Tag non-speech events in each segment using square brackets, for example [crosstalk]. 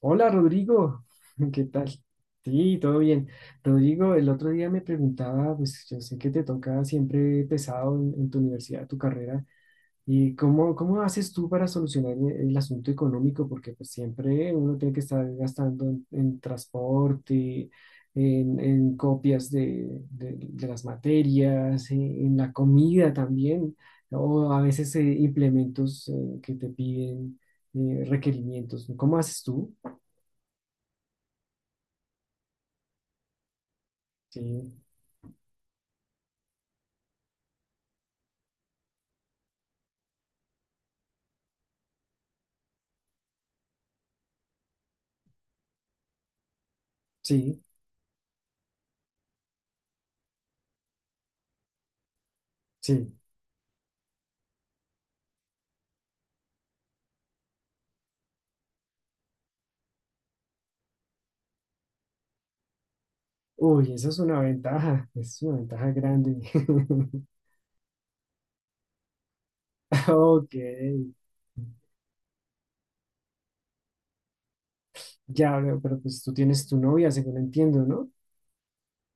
Hola Rodrigo, [laughs] ¿qué tal? Sí, todo bien. Rodrigo, el otro día me preguntaba, pues yo sé que te toca siempre pesado en tu universidad, tu carrera, y cómo, cómo haces tú para solucionar el asunto económico, porque pues siempre uno tiene que estar gastando en transporte, en copias de las materias, en la comida también, o a veces implementos que te piden requerimientos. ¿Cómo haces tú? Sí, sí, sí. Uy, eso es una ventaja grande. [laughs] Ok, ya veo, pero pues tú tienes tu novia, según entiendo, ¿no?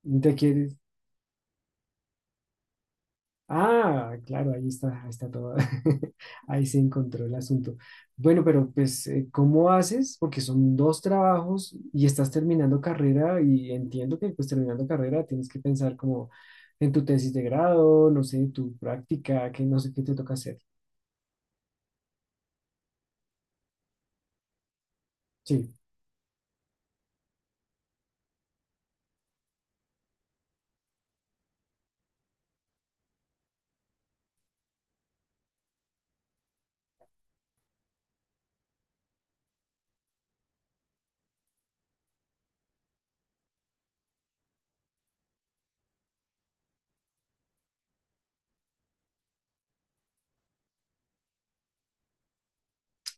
¿Y ¿Te quieres? Ah, claro, ahí está todo. [laughs] Ahí se encontró el asunto. Bueno, pero pues, ¿cómo haces? Porque son dos trabajos y estás terminando carrera y entiendo que pues terminando carrera tienes que pensar como en tu tesis de grado, no sé, tu práctica, que no sé qué te toca hacer. Sí.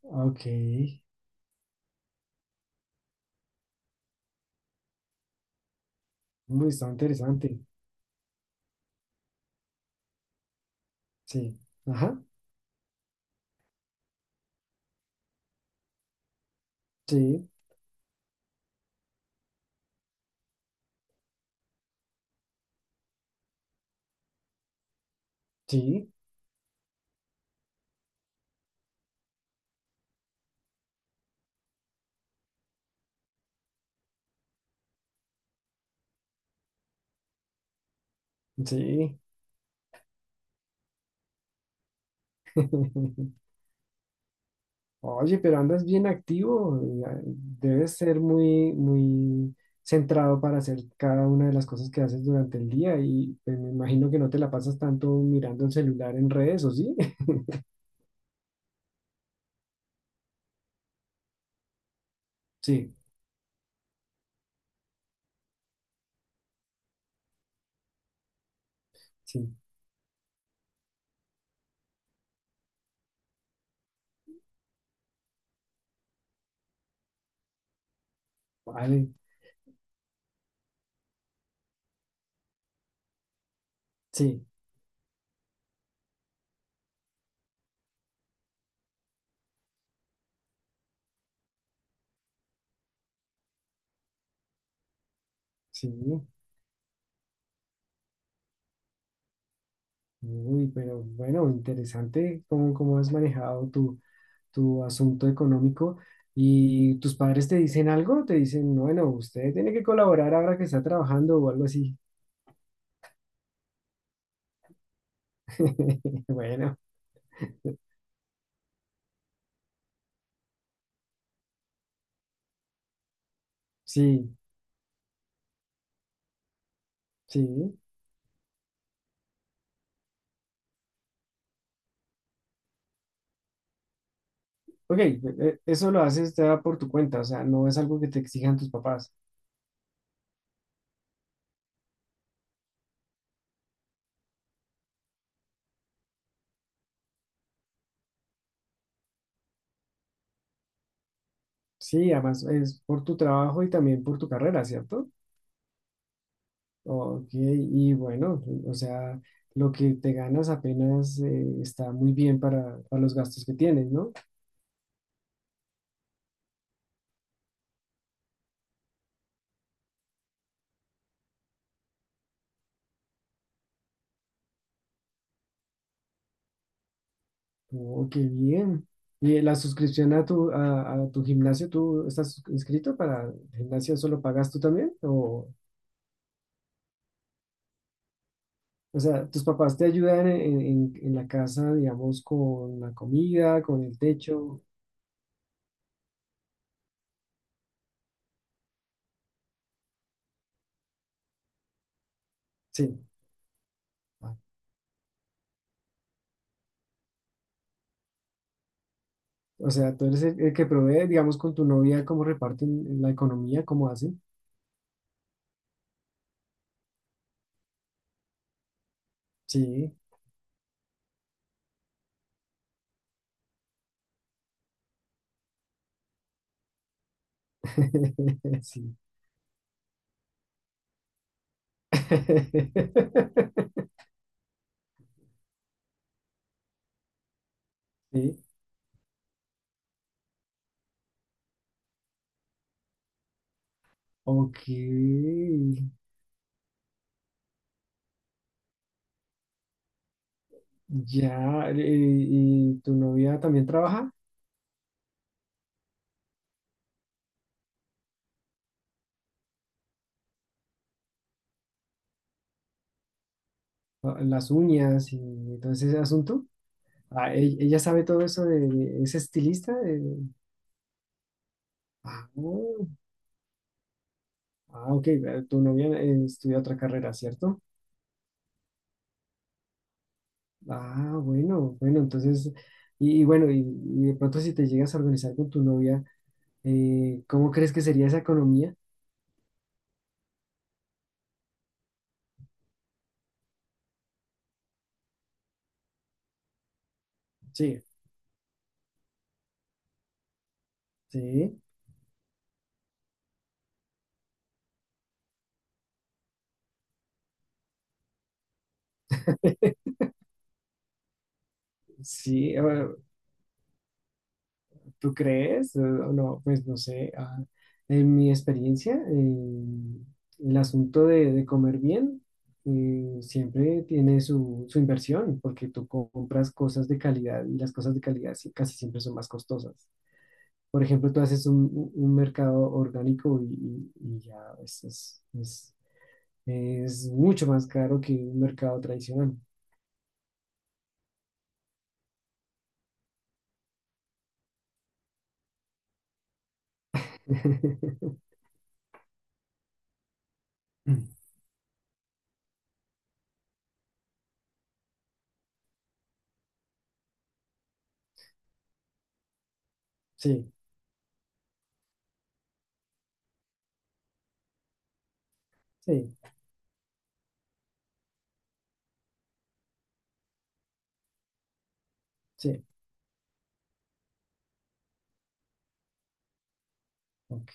Ok, muy está interesante. Sí, ajá, sí, sí, sí. [laughs] Oye, pero andas bien activo. Ya, debes ser muy, muy centrado para hacer cada una de las cosas que haces durante el día y pues, me imagino que no te la pasas tanto mirando el celular en redes, ¿o sí? [laughs] Sí, sí, vale, sí, sí. Uy, pero bueno, interesante cómo, cómo has manejado tu tu asunto económico y tus padres te dicen algo, te dicen, bueno, usted tiene que colaborar ahora que está trabajando o algo así. [laughs] Bueno, sí, sí. Ok, eso lo haces ya por tu cuenta, o sea, no es algo que te exijan tus papás. Sí, además es por tu trabajo y también por tu carrera, ¿cierto? Ok, y bueno, o sea, lo que te ganas apenas está muy bien para los gastos que tienes, ¿no? Oh, qué bien. ¿Y la suscripción a tu gimnasio, tú estás inscrito para el gimnasio, solo pagas tú también? O sea, ¿tus papás te ayudan en, en la casa, digamos, con la comida, con el techo? Sí. Ah, o sea, tú eres el que provee, digamos, con tu novia, cómo reparten la economía, cómo hacen. Sí. [laughs] Sí. [laughs] Sí, ok, ya, ¿y tu novia también trabaja? Ah, las uñas y todo ese asunto. Ah, ella sabe todo eso de, es estilista. Ah, oh, ah, ok, tu novia estudia otra carrera, ¿cierto? Ah, bueno, bueno, entonces, y bueno, y de pronto si te llegas a organizar con tu novia, ¿cómo crees que sería esa economía? Sí, sí. [laughs] Sí, ¿tú crees? No, pues no sé. Ah, en mi experiencia, el asunto de comer bien siempre tiene su, su inversión, porque tú compras cosas de calidad y las cosas de calidad sí- casi siempre son más costosas. Por ejemplo, tú haces un, un mercado orgánico y, y ya es, es, es- es mucho más caro que un mercado tradicional. [laughs] Sí, sí, sí. Ok,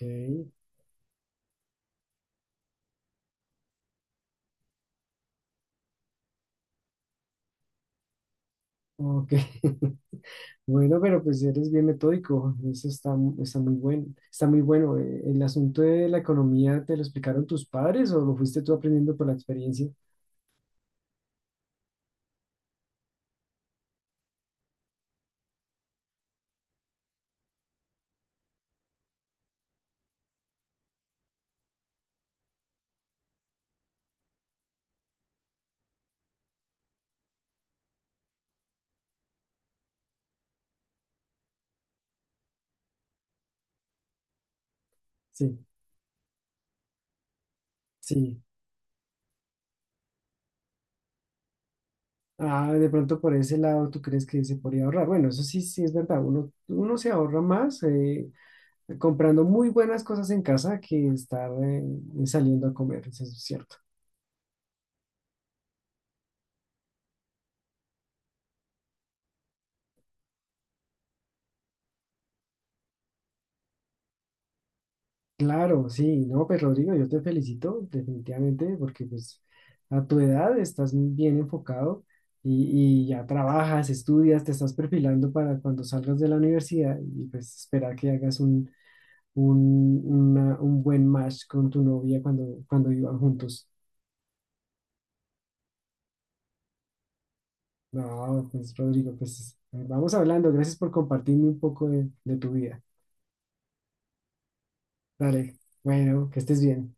ok. [laughs] Bueno, pero pues eres bien metódico, eso está, está muy bueno, está muy bueno. ¿El asunto de la economía te lo explicaron tus padres o lo fuiste tú aprendiendo por la experiencia? Sí, sí. Ah, de pronto por ese lado tú crees que se podría ahorrar. Bueno, eso sí, sí es verdad. Uno, uno se ahorra más comprando muy buenas cosas en casa que estar saliendo a comer, eso es cierto. Claro, sí, no, pues Rodrigo, yo te felicito definitivamente porque pues a tu edad estás bien enfocado y ya trabajas, estudias, te estás perfilando para cuando salgas de la universidad y pues esperar que hagas un, un buen match con tu novia cuando, cuando vivan juntos. No, pues Rodrigo, pues vamos hablando, gracias por compartirme un poco de tu vida. Dale, bueno, que estés bien.